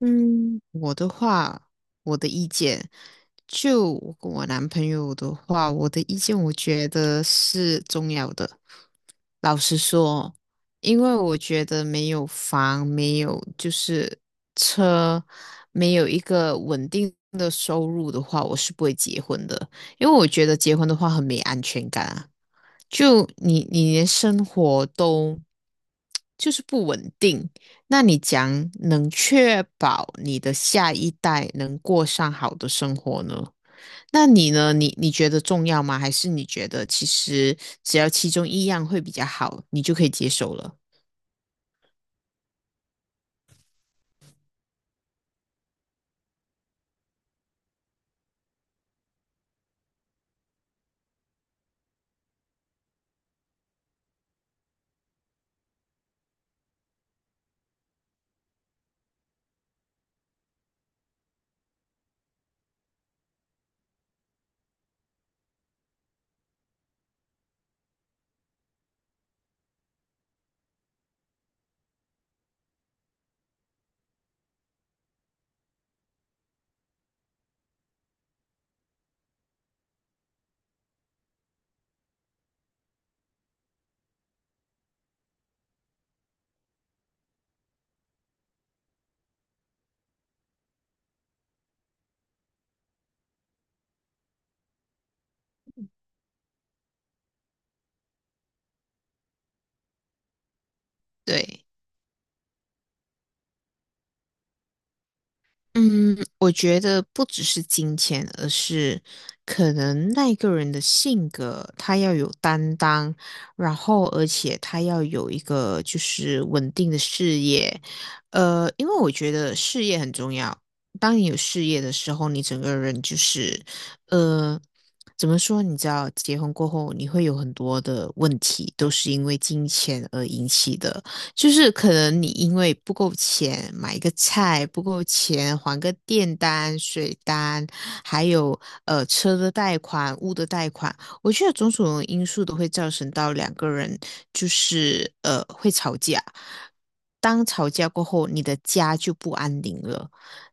嗯，我的话，我的意见，就我跟我男朋友的话，我的意见我觉得是重要的。老实说，因为我觉得没有房，没有就是车，没有一个稳定的收入的话，我是不会结婚的。因为我觉得结婚的话很没安全感啊，就你连生活都就是不稳定。那你讲能确保你的下一代能过上好的生活呢？那你呢？你觉得重要吗？还是你觉得其实只要其中一样会比较好，你就可以接受了？对，嗯，我觉得不只是金钱，而是可能那个人的性格，他要有担当，然后而且他要有一个就是稳定的事业。因为我觉得事业很重要。当你有事业的时候，你整个人就是，呃，怎么说？你知道，结婚过后你会有很多的问题，都是因为金钱而引起的。就是可能你因为不够钱买一个菜，不够钱还个电单、水单，还有车的贷款、物的贷款，我觉得种种因素都会造成到两个人就是会吵架。当吵架过后，你的家就不安宁了。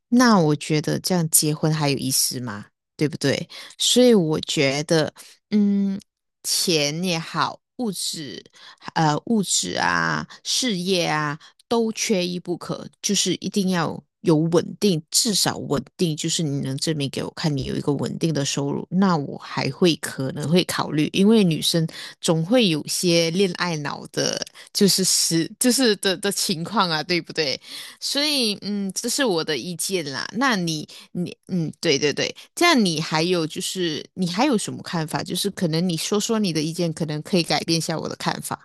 那我觉得这样结婚还有意思吗？对不对？所以我觉得，嗯，钱也好，物质。物质啊、事业啊都缺一不可，就是一定要有稳定，至少稳定，就是你能证明给我看你有一个稳定的收入，那我还会可能会考虑，因为女生总会有些恋爱脑的，就是是就是的情况啊，对不对？所以，嗯，这是我的意见啦。那你，你，嗯，对对对，这样你还有就是，你还有什么看法？就是可能你说说你的意见，可能可以改变一下我的看法。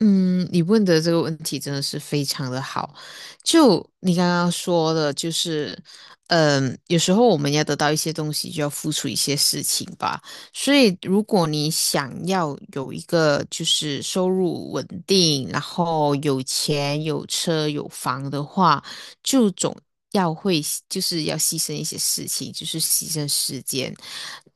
嗯，你问的这个问题真的是非常的好。就你刚刚说的，就是，嗯，有时候我们要得到一些东西，就要付出一些事情吧。所以，如果你想要有一个就是收入稳定，然后有钱、有车、有房的话，就总要会就是要牺牲一些事情，就是牺牲时间。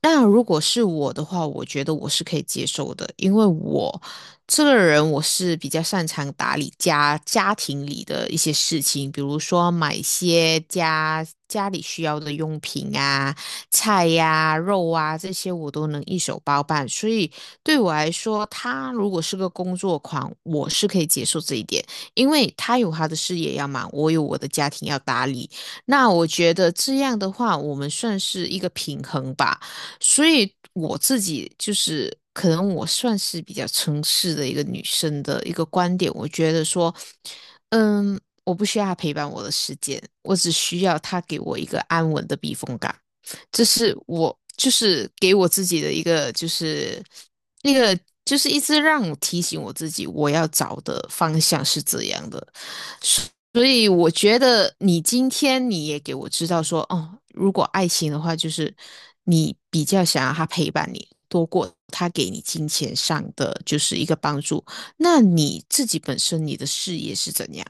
那如果是我的话，我觉得我是可以接受的，因为我。这个人我是比较擅长打理家庭里的一些事情，比如说买一些家里需要的用品啊、菜呀、肉啊这些，我都能一手包办。所以对我来说，他如果是个工作狂，我是可以接受这一点，因为他有他的事业要忙，我有我的家庭要打理。那我觉得这样的话，我们算是一个平衡吧。所以我自己就是可能我算是比较诚实的一个女生的一个观点，我觉得说，嗯，我不需要她陪伴我的时间，我只需要他给我一个安稳的避风港，这是我就是给我自己的一个就是那个就是一直让我提醒我自己我要找的方向是这样的。所以我觉得你今天你也给我知道说，哦，如果爱情的话，就是你比较想要他陪伴你，多过他给你金钱上的就是一个帮助。那你自己本身你的事业是怎样？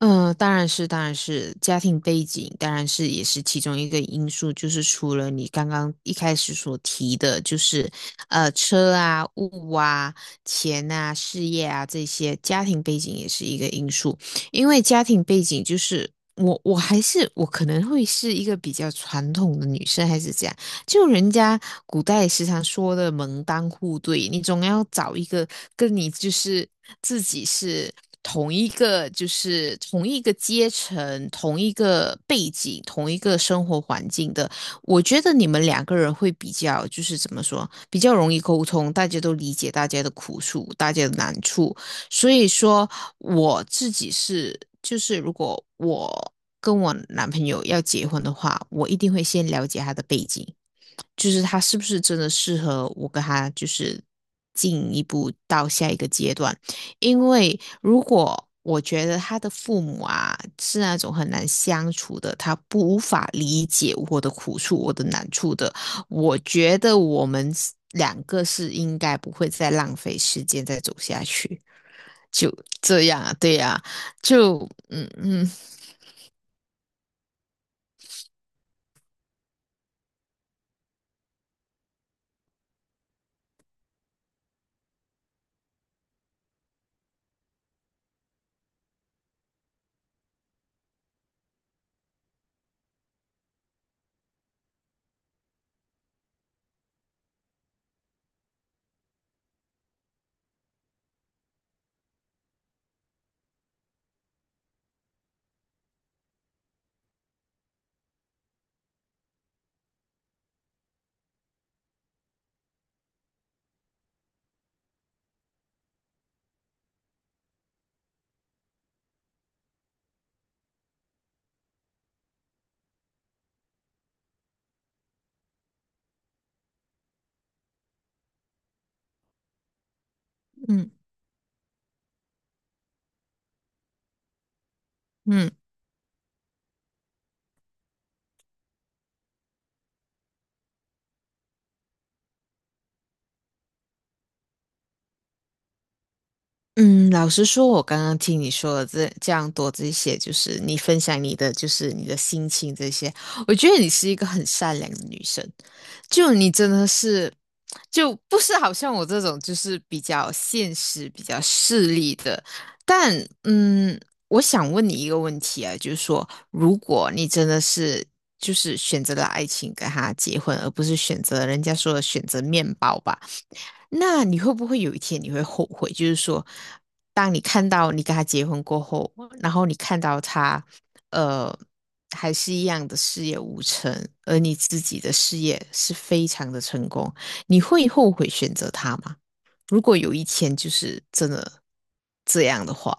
嗯，当然是，当然是，家庭背景当然是也是其中一个因素，就是除了你刚刚一开始所提的，就是车啊、物啊、钱啊、事业啊这些，家庭背景也是一个因素，因为家庭背景就是我还是我可能会是一个比较传统的女生还是这样，就人家古代也时常说的门当户对，你总要找一个跟你就是自己是同一个，就是同一个阶层、同一个背景、同一个生活环境的。我觉得你们两个人会比较，就是怎么说，比较容易沟通，大家都理解大家的苦处、大家的难处。所以说，我自己是，就是如果我跟我男朋友要结婚的话，我一定会先了解他的背景，就是他是不是真的适合我跟他就是进一步到下一个阶段？因为如果我觉得他的父母啊是那种很难相处的，他不无法理解我的苦处、我的难处的，我觉得我们两个是应该不会再浪费时间再走下去，就这样啊，对呀、啊就嗯嗯嗯嗯。嗯嗯，老实说，我刚刚听你说了这样多这些，就是你分享你的，就是你的心情这些，我觉得你是一个很善良的女生，就你真的是，就不是好像我这种就是比较现实、比较势利的，但嗯，我想问你一个问题啊，就是说，如果你真的是就是选择了爱情跟他结婚，而不是选择人家说的选择面包吧？那你会不会有一天你会后悔？就是说，当你看到你跟他结婚过后，然后你看到他，呃，还是一样的事业无成，而你自己的事业是非常的成功，你会后悔选择他吗？如果有一天就是真的这样的话，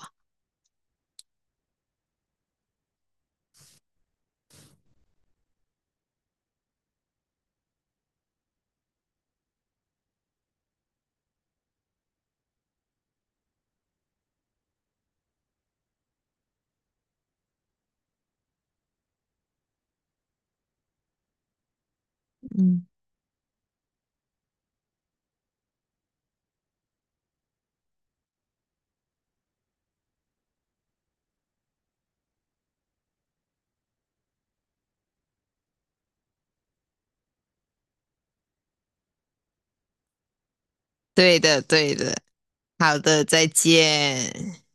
嗯，对的，对的，好的，再见。